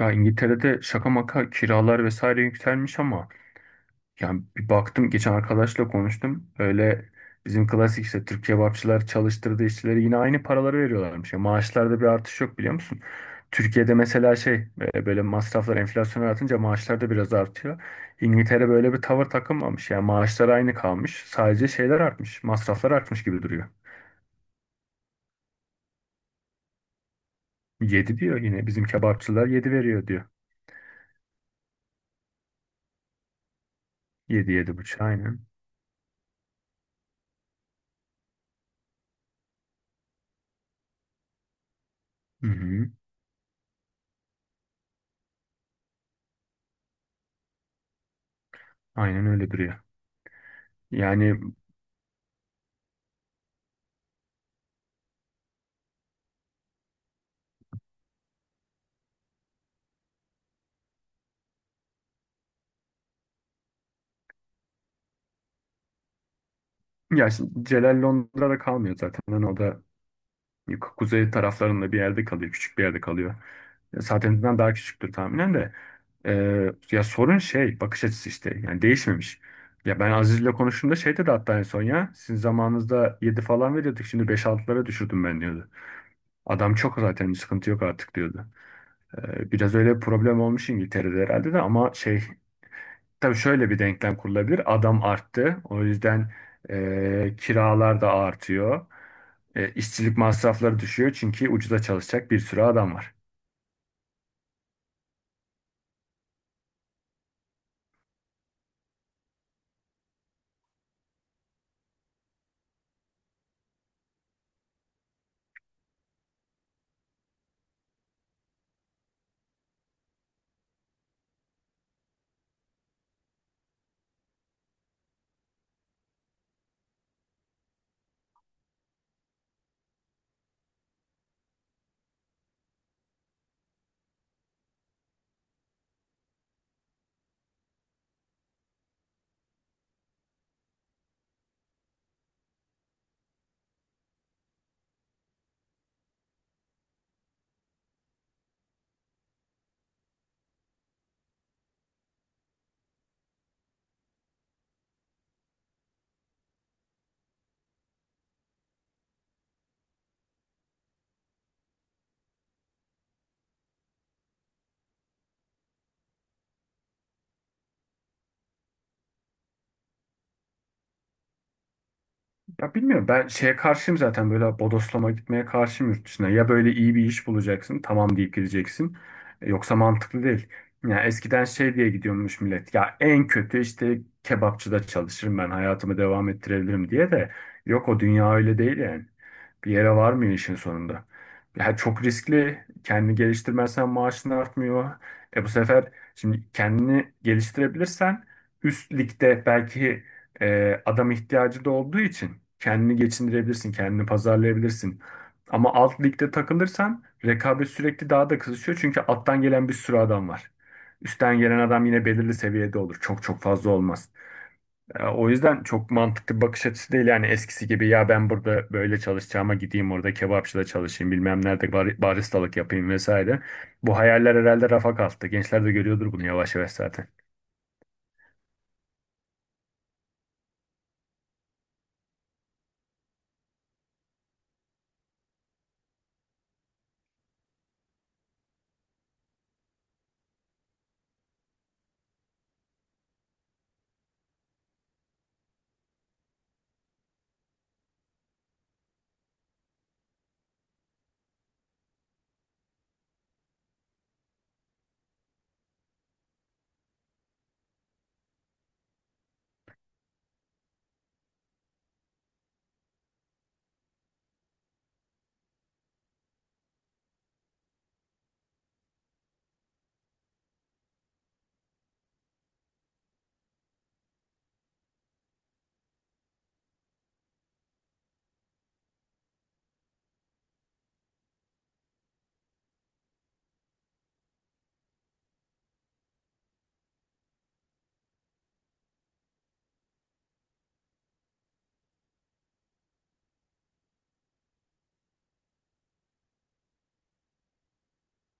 Ya İngiltere'de şaka maka kiralar vesaire yükselmiş ama yani bir baktım geçen arkadaşla konuştum. Öyle bizim klasik işte Türk kebapçılar çalıştırdığı işçilere yine aynı paraları veriyorlarmış. Ya maaşlarda bir artış yok, biliyor musun? Türkiye'de mesela şey böyle masraflar enflasyona artınca maaşlar da biraz artıyor. İngiltere böyle bir tavır takınmamış. Yani maaşlar aynı kalmış. Sadece şeyler artmış. Masraflar artmış gibi duruyor. Yedi diyor, yine bizim kebapçılar 7 veriyor diyor. Yedi, yedi buçuk, aynen. Hı hı. Aynen öyle duruyor. Yani. Ya şimdi Celal Londra'da kalmıyor zaten. Hani o da kuzey taraflarında bir yerde kalıyor. Küçük bir yerde kalıyor. Saatininden daha küçüktür tahminen de. Ya sorun şey bakış açısı işte. Yani değişmemiş. Ya ben Aziz'le konuştuğumda şey dedi hatta en son ya. Sizin zamanınızda 7 falan veriyorduk. Şimdi beş 6'lara düşürdüm ben diyordu. Adam çok, zaten sıkıntı yok artık diyordu. Biraz öyle problem olmuş İngiltere'de herhalde de, ama şey. Tabii şöyle bir denklem kurulabilir. Adam arttı. O yüzden kiralar da artıyor. İşçilik masrafları düşüyor çünkü ucuza çalışacak bir sürü adam var. Ya bilmiyorum, ben şeye karşıyım zaten, böyle bodoslama gitmeye karşıyım yurt dışına. Ya böyle iyi bir iş bulacaksın, tamam, deyip gideceksin. Yoksa mantıklı değil. Ya eskiden şey diye gidiyormuş millet. Ya en kötü işte kebapçıda çalışırım, ben hayatımı devam ettirebilirim diye de. Yok, o dünya öyle değil yani. Bir yere varmıyor işin sonunda. Ya çok riskli. Kendini geliştirmezsen maaşın artmıyor. E bu sefer şimdi kendini geliştirebilirsen üst ligde belki adam ihtiyacı da olduğu için kendini geçindirebilirsin, kendini pazarlayabilirsin. Ama alt ligde takılırsan rekabet sürekli daha da kızışıyor çünkü alttan gelen bir sürü adam var. Üstten gelen adam yine belirli seviyede olur. Çok çok fazla olmaz. O yüzden çok mantıklı bir bakış açısı değil yani eskisi gibi, ya ben burada böyle çalışacağıma gideyim orada kebapçıda çalışayım, bilmem nerede baristalık yapayım vesaire. Bu hayaller herhalde rafa kalktı. Gençler de görüyordur bunu yavaş yavaş zaten.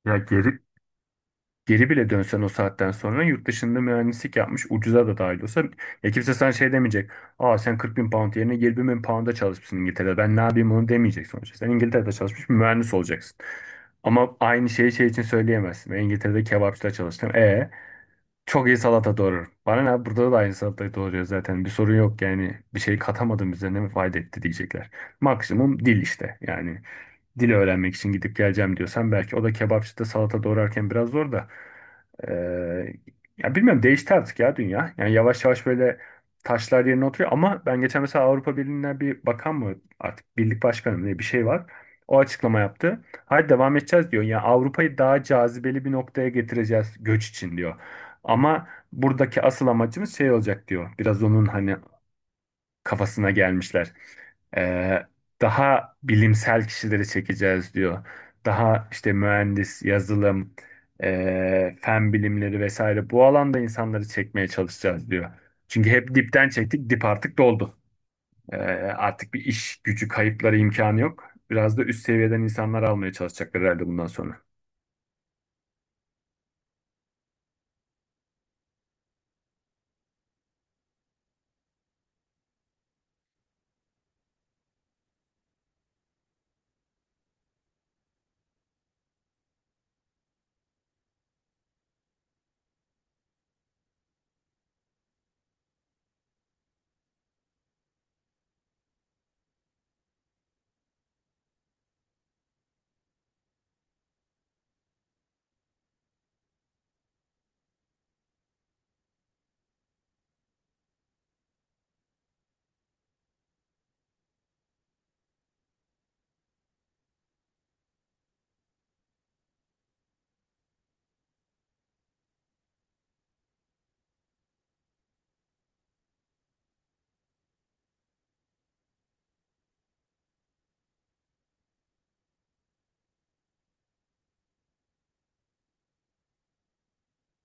Ya geri Geri bile dönsen o saatten sonra yurt dışında mühendislik yapmış, ucuza da dahil olsa, ya kimse sana şey demeyecek. Aa, sen 40 bin pound yerine 20 bin pound'a çalışmışsın İngiltere'de. Ben ne yapayım onu, demeyecek sonuçta. Sen İngiltere'de çalışmış bir mühendis olacaksın. Ama aynı şeyi şey için söyleyemezsin. Ben İngiltere'de kebapçıda çalıştım. E çok iyi salata doğruyorum. Bana ne, burada da aynı salatayı doğruyor zaten. Bir sorun yok yani. Bir şey katamadım, bize ne fayda etti, diyecekler. Maksimum dil işte yani, dil öğrenmek için gidip geleceğim diyorsan belki, o da kebapçıda salata doğrarken biraz zor da. Ee, Ya bilmiyorum, değişti artık ya dünya. Yani yavaş yavaş böyle taşlar yerine oturuyor, ama ben geçen mesela Avrupa Birliği'nden bir bakan mı, artık birlik başkanı mı diye bir şey var. O açıklama yaptı. Hayır, devam edeceğiz diyor. Yani Avrupa'yı daha cazibeli bir noktaya getireceğiz göç için diyor. Ama buradaki asıl amacımız şey olacak diyor. Biraz onun hani kafasına gelmişler. Ee, Daha bilimsel kişileri çekeceğiz diyor. Daha işte mühendis, yazılım, fen bilimleri vesaire, bu alanda insanları çekmeye çalışacağız diyor. Çünkü hep dipten çektik, dip artık doldu. Ee, Artık bir iş gücü kayıpları imkanı yok. Biraz da üst seviyeden insanlar almaya çalışacaklar herhalde bundan sonra.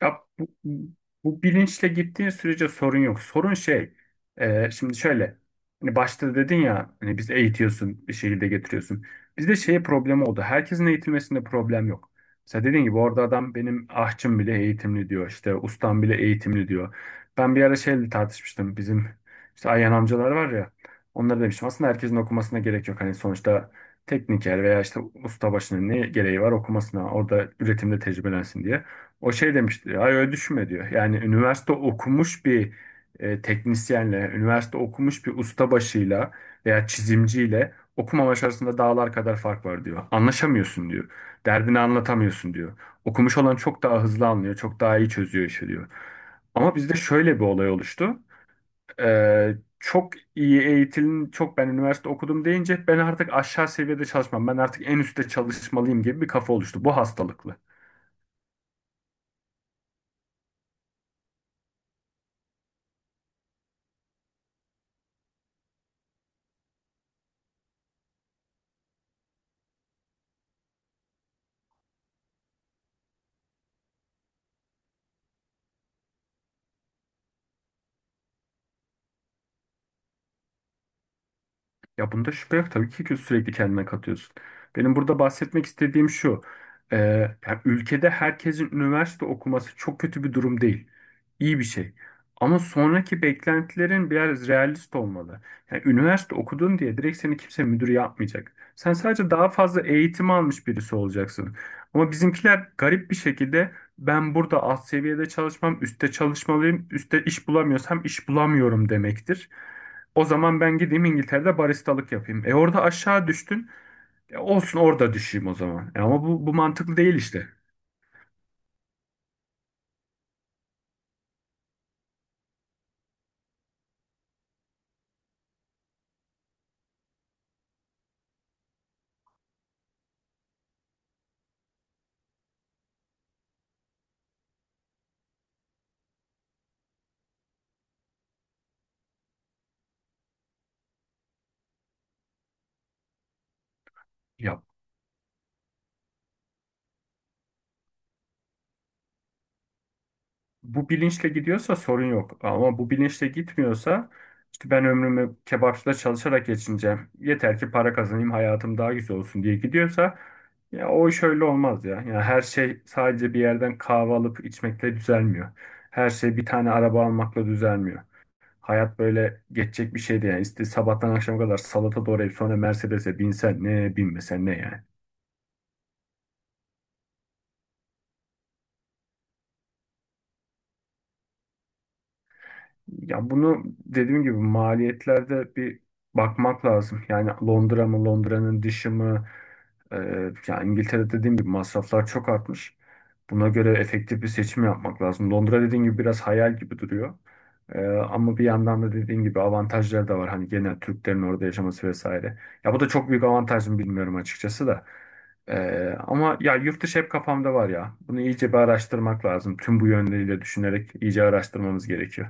Ya bu, Bu bilinçle gittiğin sürece sorun yok. Sorun şey, şimdi şöyle, hani başta dedin ya, hani biz eğitiyorsun, bir şekilde getiriyorsun. Bizde şey problemi oldu. Herkesin eğitilmesinde problem yok. Mesela dediğin gibi orada adam benim ahçım bile eğitimli diyor, işte ustam bile eğitimli diyor. Ben bir ara şeyle tartışmıştım, bizim işte Ayhan amcalar var ya, onlara demiştim aslında herkesin okumasına gerek yok. Hani sonuçta tekniker veya işte ustabaşının ne gereği var okumasına, orada üretimde tecrübelensin diye. O şey demişti diyor, ay öyle düşünme diyor. Yani üniversite okumuş bir teknisyenle, üniversite okumuş bir ustabaşıyla veya çizimciyle okumamış arasında dağlar kadar fark var diyor. Anlaşamıyorsun diyor. Derdini anlatamıyorsun diyor. Okumuş olan çok daha hızlı anlıyor, çok daha iyi çözüyor işi diyor. Ama bizde şöyle bir olay oluştu. Çok iyi eğitilin, çok ben üniversite okudum deyince ben artık aşağı seviyede çalışmam, ben artık en üstte çalışmalıyım gibi bir kafa oluştu. Bu hastalıklı. Ya bunda şüphe yok tabii ki sürekli kendine katıyorsun. Benim burada bahsetmek istediğim şu. e, Yani ülkede herkesin üniversite okuması çok kötü bir durum değil. İyi bir şey. Ama sonraki beklentilerin biraz realist olmalı. Yani üniversite okudun diye direkt seni kimse müdür yapmayacak. Sen sadece daha fazla eğitim almış birisi olacaksın. Ama bizimkiler garip bir şekilde ben burada alt seviyede çalışmam, üstte çalışmalıyım, üstte iş bulamıyorsam iş bulamıyorum demektir. O zaman ben gideyim İngiltere'de baristalık yapayım. E orada aşağı düştün. E olsun, orada düşeyim o zaman. E ama bu mantıklı değil işte. Ya bu bilinçle gidiyorsa sorun yok. Ama bu bilinçle gitmiyorsa, işte ben ömrümü kebapçıda çalışarak geçineceğim, yeter ki para kazanayım, hayatım daha güzel olsun diye gidiyorsa, ya o iş öyle olmaz ya. Yani her şey sadece bir yerden kahve alıp içmekle düzelmiyor. Her şey bir tane araba almakla düzelmiyor. Hayat böyle geçecek bir şey değil. Yani. İşte sabahtan akşama kadar salata doğrayıp sonra Mercedes'e binsen ne, binmesen ne yani. Ya bunu dediğim gibi maliyetlerde bir bakmak lazım. Yani Londra mı, Londra'nın dışı mı? Yani İngiltere dediğim gibi masraflar çok artmış. Buna göre efektif bir seçim yapmak lazım. Londra dediğim gibi biraz hayal gibi duruyor. Ama bir yandan da dediğim gibi avantajları da var. Hani genel Türklerin orada yaşaması vesaire. Ya bu da çok büyük avantaj mı bilmiyorum açıkçası da. Ama ya yurt dışı hep kafamda var ya. Bunu iyice bir araştırmak lazım. Tüm bu yönleriyle düşünerek iyice araştırmamız gerekiyor.